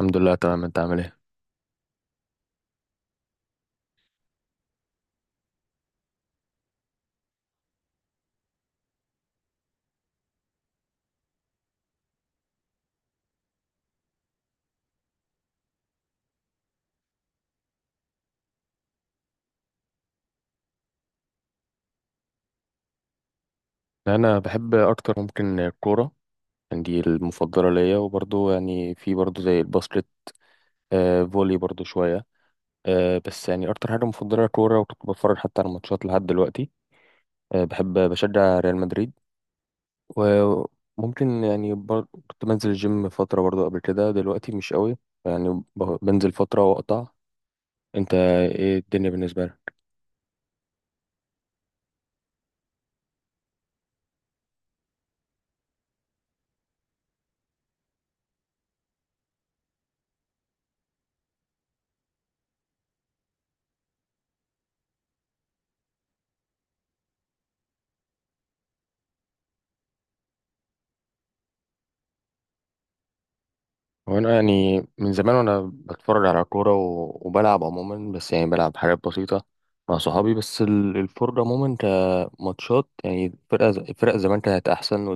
الحمد لله، تمام. انت عامل ايه؟ انا بحب اكتر، ممكن الكوره. يعني دي المفضله ليا، وبرضو يعني في برضو زي الباسكت. فولي برضو شويه. بس يعني اكتر حاجه مفضله الكوره، وكنت بتفرج حتى على الماتشات لحد دلوقتي. بحب بشجع ريال مدريد. وممكن يعني كنت بنزل الجيم فتره برضو قبل كده، دلوقتي مش قوي. يعني بنزل فتره واقطع. انت ايه الدنيا بالنسبه لك؟ هو انا يعني من زمان وانا بتفرج على كوره و- وبلعب عموما، بس يعني بلعب حاجات بسيطه مع صحابي. بس الفرجه عموما كماتشات، يعني الفرق زمان كانت احسن،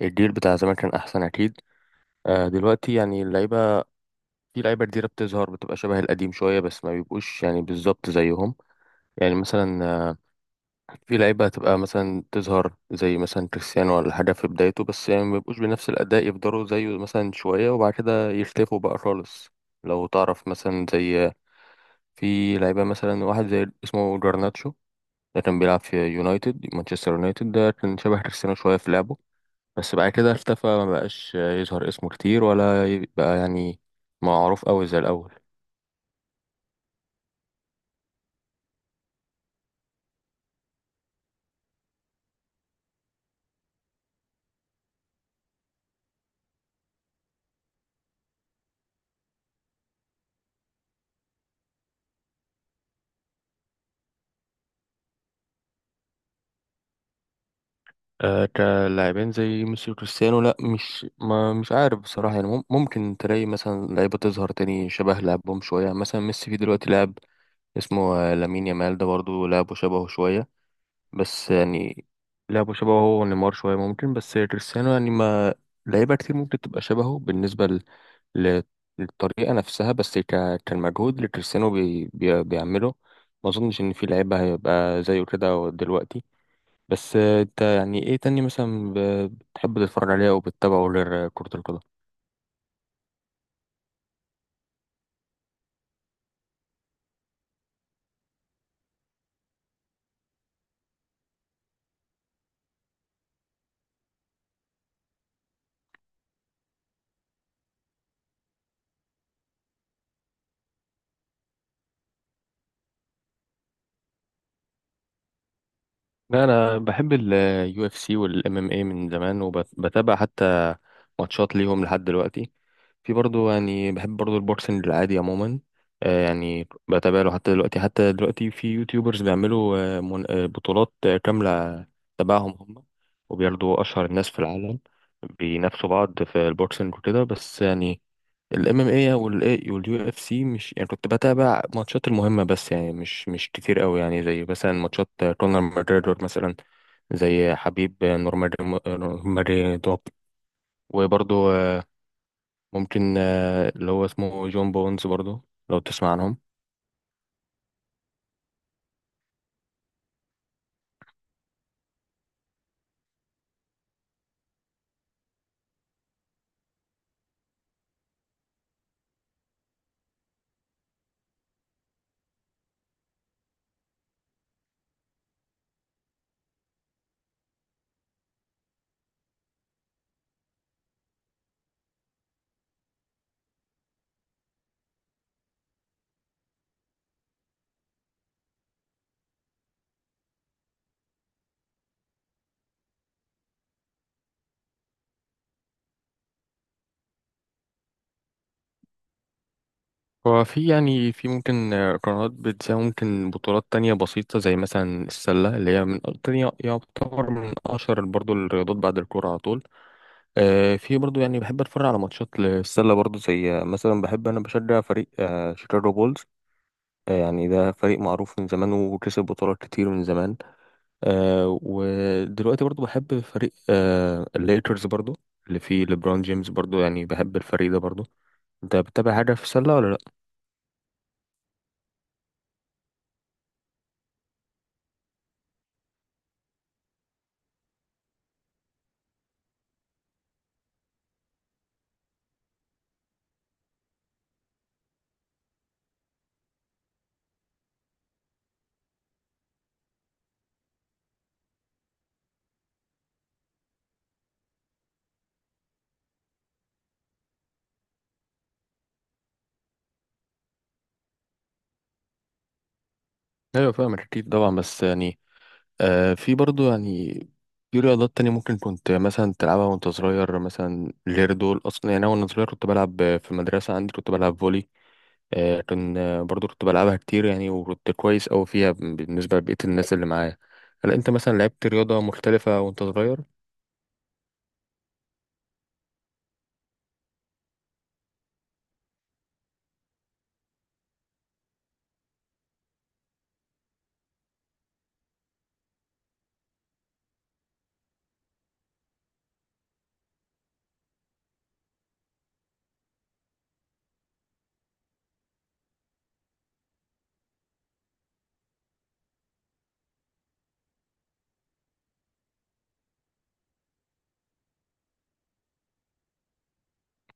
والجيل بتاع زمان كان احسن اكيد. دلوقتي يعني اللعيبه، في لعيبه جديده بتظهر، بتبقى شبه القديم شويه، بس ما بيبقوش يعني بالظبط زيهم. يعني مثلا، في لعيبة هتبقى مثلا تظهر زي مثلا كريستيانو ولا حاجة في بدايته، بس يعني ما يبقوش بنفس الأداء، يفضلوا زيه مثلا شوية وبعد كده يختفوا بقى خالص. لو تعرف مثلا، زي في لعيبة مثلا واحد زي اسمه جرناتشو، ده كان بيلعب في مانشستر يونايتد، ده كان شبه كريستيانو شوية في لعبه. بس بعد كده اختفى، ما بقاش يظهر اسمه كتير، ولا يبقى يعني معروف أوي زي الأول. آه، كلاعبين زي ميسي وكريستيانو، لا مش عارف بصراحة. يعني ممكن تلاقي مثلا لعيبة تظهر تاني شبه لعبهم شوية. يعني مثلا ميسي في دلوقتي لاعب اسمه لامين يامال، ده برضه لعبه شبهه شوية. بس يعني لعبه شبهه هو ونيمار شوية ممكن. بس كريستيانو يعني ما لعيبة كتير ممكن تبقى شبهه بالنسبة ل- للطريقة نفسها، بس ك... كالمجهود اللي كريستيانو بي... بي... بيعمله، ما أظنش إن في لعيبة هيبقى زيه كده دلوقتي. بس انت يعني ايه تاني مثلا بتحب تتفرج عليه او بتتابعه غير كرة القدم؟ لا، انا بحب اليو اف سي والام ام اي من زمان، وبتابع حتى ماتشات ليهم لحد دلوقتي. في برضو يعني بحب برضو البوكسنج العادي عموما. يعني بتابع له حتى دلوقتي. في يوتيوبرز بيعملوا بطولات كاملة تبعهم هم، وبياخدوا اشهر الناس في العالم بينافسوا بعض في البوكسنج وكده. بس يعني الام ام اي والاي واليو اف سي، مش يعني كنت بتابع ماتشات المهمه، بس يعني مش كتير قوي. يعني زي مثلا ماتشات كونر ماجريدور مثلا، زي حبيب نورماري، ماريدوب، وبرضه ممكن اللي هو اسمه جون بونز برضه، لو تسمع عنهم. هو في يعني في ممكن قنوات بتساوي ممكن بطولات تانية بسيطة زي مثلا السلة، اللي هي من تانية يعتبر من أشهر برضه الرياضات بعد الكورة على طول. في برضو يعني بحب اتفرج على ماتشات للسله برضو، زي مثلا بحب انا بشجع فريق شيكاغو بولز. يعني ده فريق معروف من زمان وكسب بطولات كتير من زمان. ودلوقتي برضو بحب فريق الليكرز برضو، اللي فيه ليبرون جيمس. برضو يعني بحب الفريق ده برضو. انت بتتابع حاجه في السله ولا لا؟ ايوه فاهم اكيد طبعا. بس يعني في برضو يعني في رياضات تانية ممكن كنت مثلا تلعبها وانت صغير مثلا غير دول. أصلا يعني أنا وأنا صغير كنت بلعب في المدرسة عندي، كنت بلعب فولي. برضو كنت بلعبها كتير يعني، وكنت كويس أوي فيها بالنسبة لبقية الناس اللي معايا. هل أنت مثلا لعبت رياضة مختلفة وأنت صغير؟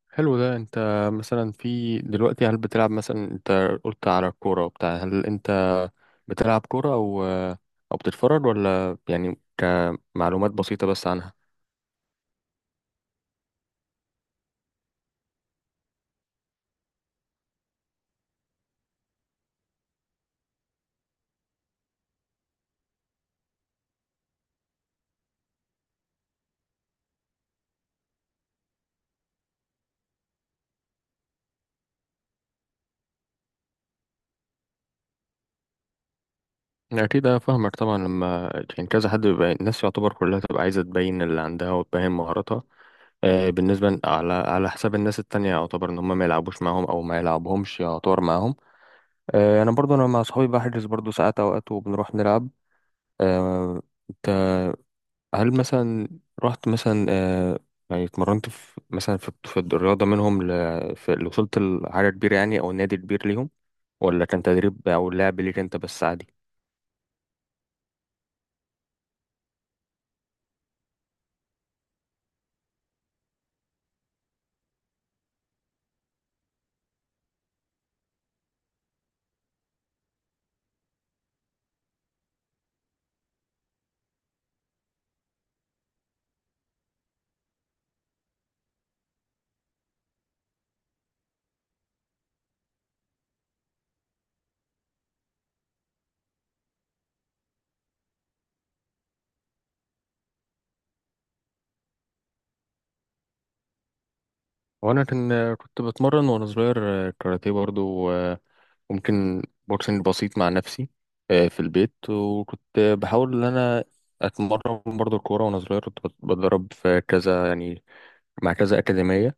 حلو. ده أنت مثلا في دلوقتي هل بتلعب مثلا، أنت قلت على الكورة وبتاع، هل أنت بتلعب كورة أو بتتفرج، ولا يعني كمعلومات بسيطة بس عنها؟ أكيد أنا فاهمك طبعا، لما يعني كذا حد بيبقى، الناس يعتبر كلها تبقى عايزة تبين اللي عندها وتبين مهاراتها. بالنسبة على حساب الناس التانية، يعتبر إن هم ما يلعبوش معاهم أو ما يلعبهمش يعتبر معاهم. أنا برضو أنا مع صحابي بحجز برضو ساعات أوقات، وبنروح نلعب. آه، أنت، هل مثلا رحت مثلا يعني اتمرنت في مثلا في الرياضة منهم، وصلت لحاجة كبيرة، يعني أو نادي كبير ليهم، ولا كان تدريب أو لعب ليك أنت بس عادي؟ وانا كنت بتمرن وانا صغير، كاراتيه برضو، وممكن بوكسنج بسيط مع نفسي في البيت. وكنت بحاول ان انا اتمرن برضو الكوره، وانا صغير كنت بتدرب في كذا يعني، مع كذا اكاديميه.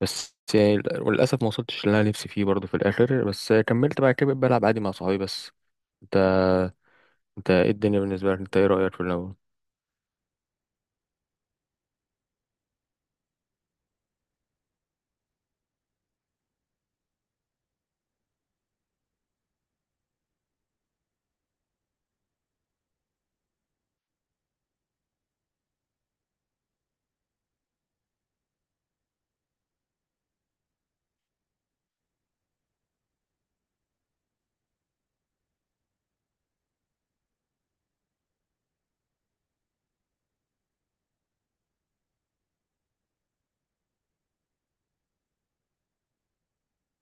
بس يعني للاسف ما وصلتش اللي انا نفسي فيه برضو في الاخر، بس كملت بعد كده بقيت بلعب عادي مع صحابي بس. انت انت ايه الدنيا بالنسبه لك؟ انت ايه رايك في الاول؟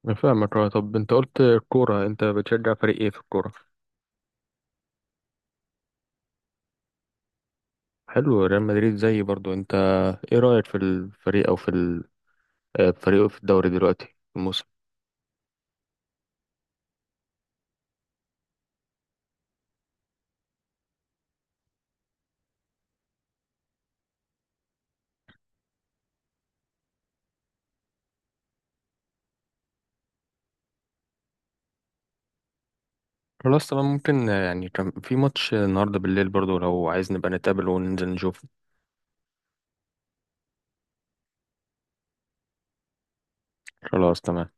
أنا فاهمك. طب انت قلت الكوره، انت بتشجع فريق ايه في الكوره؟ حلو، ريال مدريد زيي برضو انت. ايه رأيك في الفريق، او في فريقه في الدوري دلوقتي الموسم؟ خلاص تمام. ممكن يعني كان في ماتش النهارده بالليل برضو، لو عايز نبقى نتقابل وننزل نشوف. خلاص تمام.